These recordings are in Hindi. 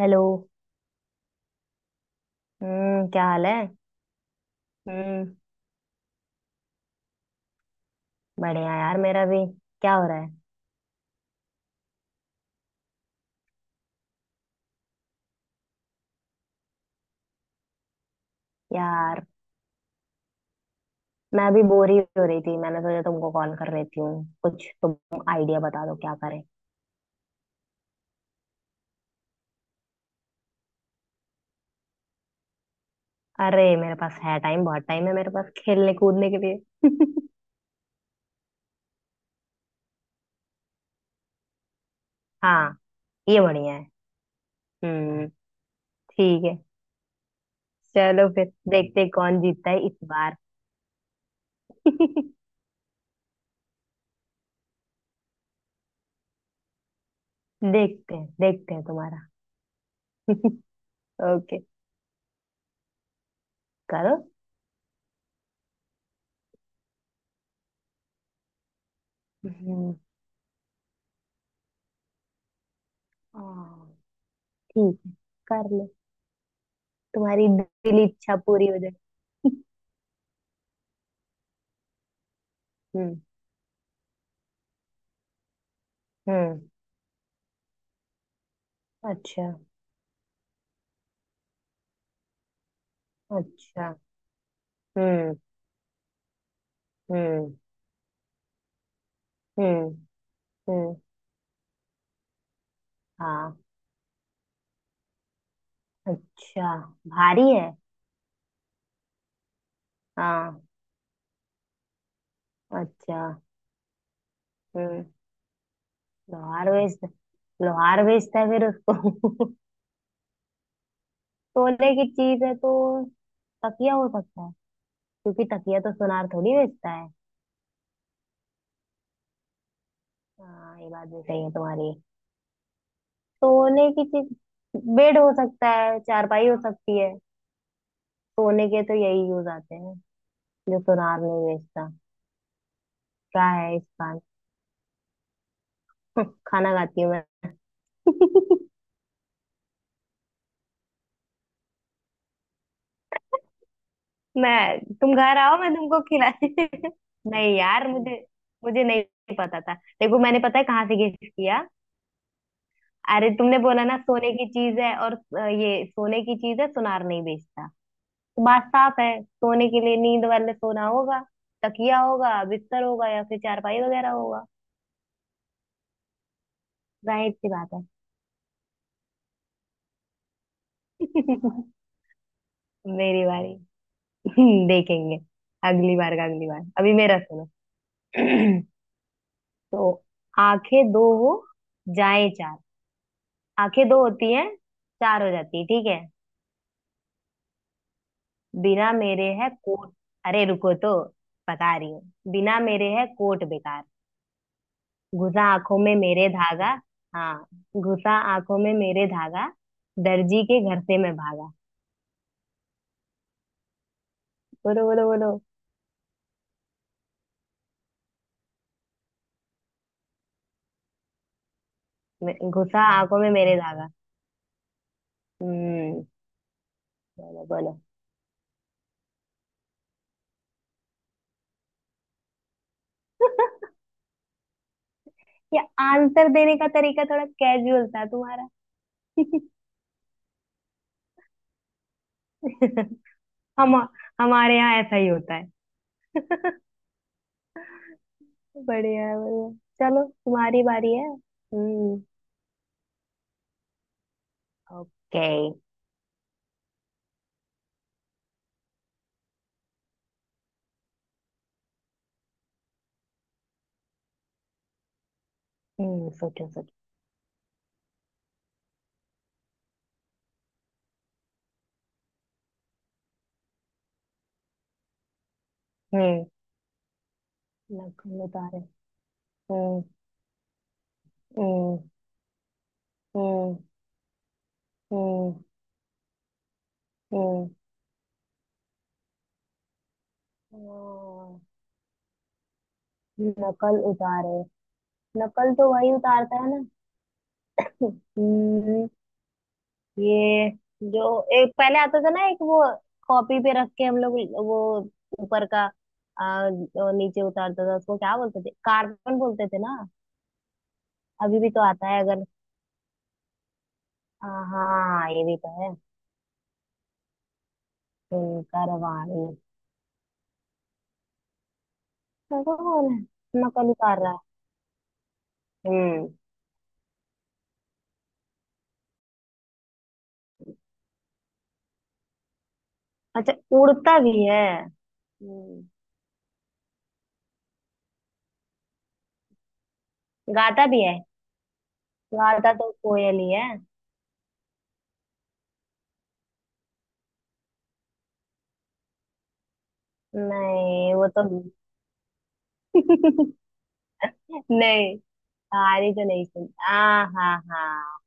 हेलो। क्या हाल है? हम्म। बढ़िया यार, मेरा भी। क्या हो रहा है? यार, मैं अभी बोर ही हो रही थी। मैंने सोचा तुमको कॉल कर लेती हूँ। कुछ तुम आइडिया बता दो, क्या करें। अरे मेरे पास है टाइम, बहुत टाइम है मेरे पास खेलने कूदने के लिए। हाँ, ये बढ़िया है। हम्म। ठीक है। चलो फिर देखते हैं कौन जीतता है इस बार। देखते हैं तुम्हारा। ओके, करो। हम्म। हाँ, ठीक है, कर लो। तुम्हारी दिली इच्छा पूरी हो जाए। हम्म। हम्म। अच्छा। अच्छा। हम्म। हम्म। हम्म। हम्म। हाँ। अच्छा। भारी है। हाँ। अच्छा। हम्म। लोहार बेच, लोहार बेचता है फिर उसको। सोने की चीज है तो तकिया हो सकता है, क्योंकि तकिया तो सुनार थोड़ी बेचता है। हाँ, ये बात भी सही है तुम्हारी। सोने की चीज, बेड हो सकता है, चारपाई हो सकती है। सोने के तो यही यूज आते हैं जो सुनार नहीं बेचता। क्या है इसका? खाना खाती हूँ मैं। मैं तुम घर आओ, मैं तुमको खिला नहीं यार, मुझे, मुझे नहीं पता था। देखो मैंने, पता है कहाँ से गेस किया? अरे तुमने बोला ना सोने की चीज है। और ये सोने की चीज है सुनार नहीं बेचता, तो बात साफ है, सोने के लिए नींद वाले सोना होगा, तकिया होगा, बिस्तर होगा या फिर चारपाई वगैरह होगा। जाहिर सी बात है। मेरी बारी। देखेंगे। अगली बार का अगली बार, अभी मेरा सुनो। तो आंखें दो हो जाए चार। आंखें दो होती हैं, चार हो जाती है, ठीक है। बिना मेरे है कोट, अरे रुको तो, बता रही हूँ। बिना मेरे है कोट बेकार, घुसा आंखों में मेरे धागा। हाँ, घुसा आंखों में मेरे धागा, दर्जी के घर से मैं भागा। बोलो बोलो बोलो। घुसा आंखों में मेरे धागा। हम्म। बोलो बोलो। ये आंसर देने का तरीका थोड़ा कैजुअल था तुम्हारा। हम, हमारे यहाँ ऐसा ही होता है। बढ़िया है, बढ़िया। चलो, तुम्हारी बारी है। हम्म। ओके। हम्म, सोचो सोचो। हम्म। लखनऊ तारे। हम्म। हम्म। हम्म। हम्म। हम्म। हम्म, नकल उतारे। नकल तो वही उतारता है ना। हम्म। ये, जो एक पहले आता था ना, एक वो कॉपी पे रख के हम लोग, वो ऊपर का, जो नीचे उतारता था उसको क्या बोलते थे? कार्बन बोलते थे ना। अभी भी तो आता है अगर। हाँ हाँ, ये भी तो है। करवाणी। ऐसा कौन है नकल उतार रहा है? हम्म। अच्छा, उड़ता भी है। हम्म। गाता भी है। गाता तो कोयल ही है। नहीं वो तो नहीं, तारी तो नहीं सुन, हाँ हाँ हाँ,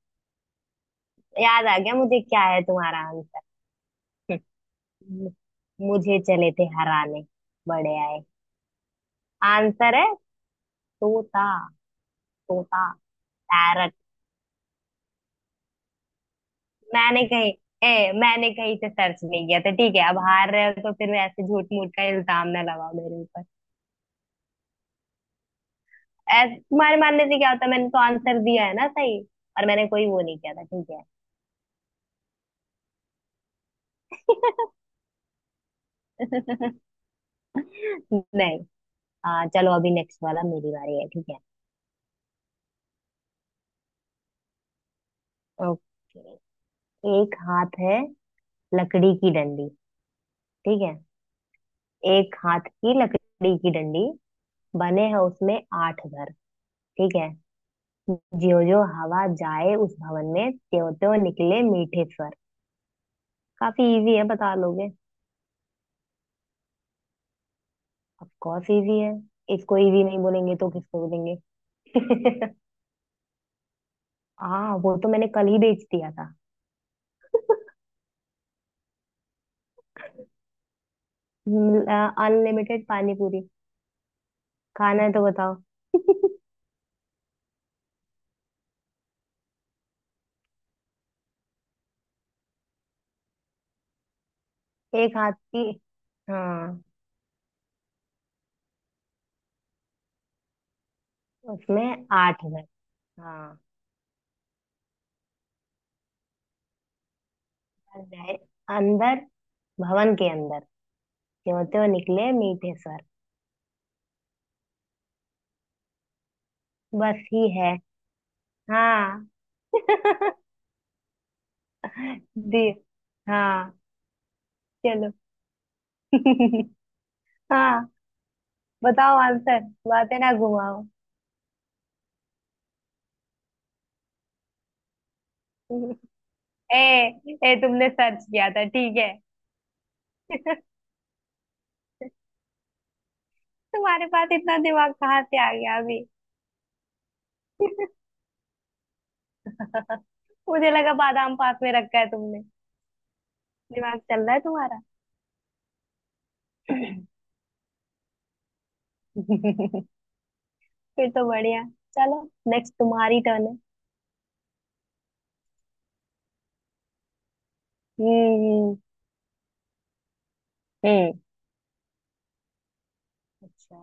याद आ गया मुझे क्या है तुम्हारा आंसर। मुझे चले थे हराने, बड़े आए। आंसर है तोता। तोता, पैरट। मैंने कहीं, ए मैंने कहीं से सर्च नहीं किया था, ठीक है? अब हार रहे हो तो फिर ऐसे झूठ मूठ का इल्जाम ना लगाओ मेरे ऊपर। ऐसे तुम्हारे मानने से क्या होता है? मैंने तो आंसर दिया है ना सही। और मैंने कोई वो नहीं किया था, ठीक है। नहीं। हाँ चलो, अभी नेक्स्ट वाला मेरी बारी है, ठीक है। ओके, एक हाथ है, लकड़ी की डंडी, ठीक है। एक हाथ की लकड़ी की डंडी, बने हैं उसमें आठ घर, ठीक है। ज्यो ज्यो हवा जाए उस भवन में, त्यों त्यों निकले मीठे स्वर। काफी इजी है, बता लोगे। ऑफ कोर्स इजी है। इसको इजी नहीं बोलेंगे तो किसको बोलेंगे। हाँ, वो तो मैंने कल ही बेच दिया था। अनलिमिटेड पानी पूरी खाना है तो बताओ। एक हाथ की, हाँ। उसमें आठ घर, हाँ। अंदर, अंदर, भवन के अंदर, त्यों त्यों निकले मीठे स्वर। बस ही है। हाँ। दी। हाँ। चलो। हाँ। बताओ आंसर, बातें ना घुमाओ। ए, ए तुमने सर्च किया था, ठीक है। तुम्हारे पास इतना दिमाग कहाँ से आ गया अभी? मुझे लगा बादाम पास में रखा है तुमने, दिमाग चल रहा है तुम्हारा। फिर तो बढ़िया। चलो, नेक्स्ट तुम्हारी टर्न है। हम्म। हम्म। अच्छा।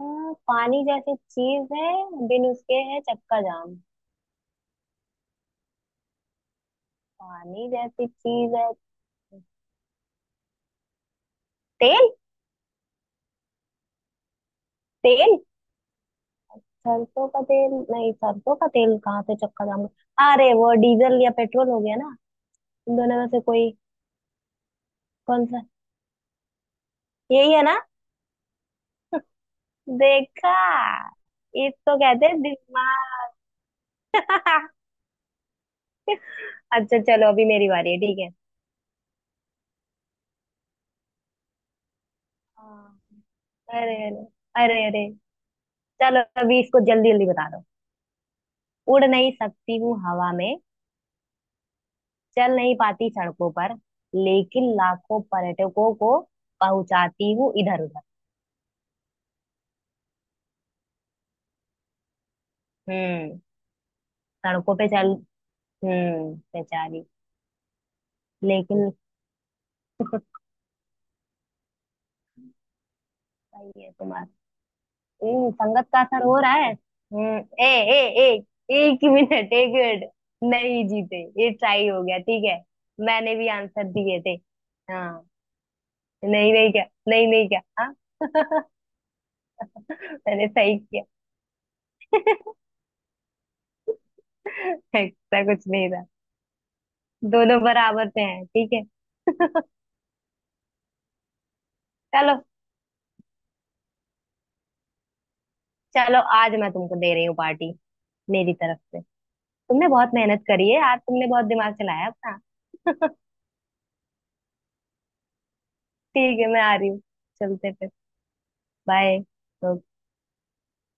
हाँ, पानी जैसी चीज है, बिन उसके है चक्का जाम। पानी जैसी चीज है, तेल। तेल, सरसों का तेल? नहीं, सरसों का तेल कहाँ से चक्का जाम। अरे वो डीजल या पेट्रोल हो गया ना, इन दोनों में से कोई। कौन सा? यही है ना। देखा, इसको कहते हैं दिमाग। अच्छा चलो, अभी मेरी बारी है, ठीक है। हाँ। अरे अरे, अरे अरे, चलो अभी इसको जल्दी जल्दी बता दो। उड़ नहीं सकती हूँ हवा में, चल नहीं पाती सड़कों पर, लेकिन लाखों पर्यटकों को पहुंचाती हूँ इधर उधर। हम्म। सड़कों पे चल, हम्म, बेचारी। लेकिन, सही है तुम्हारा। संगत का असर हो रहा है। हम्म। ए ए, ए एक ही मिनट, एक मिनट, नहीं जीते, ये ट्राई हो गया, ठीक है। मैंने भी आंसर दिए थे। हाँ। नहीं नहीं क्या, नहीं नहीं क्या, हाँ। मैंने सही किया। ऐसा कुछ नहीं था। दोनों बराबर पे हैं, ठीक है। चलो। चलो आज मैं तुमको दे रही हूँ पार्टी, मेरी तरफ से। तुमने बहुत मेहनत करी है आज, तुमने बहुत दिमाग चलाया अपना। ठीक है, मैं आ रही हूँ। चलते फिर। बाय।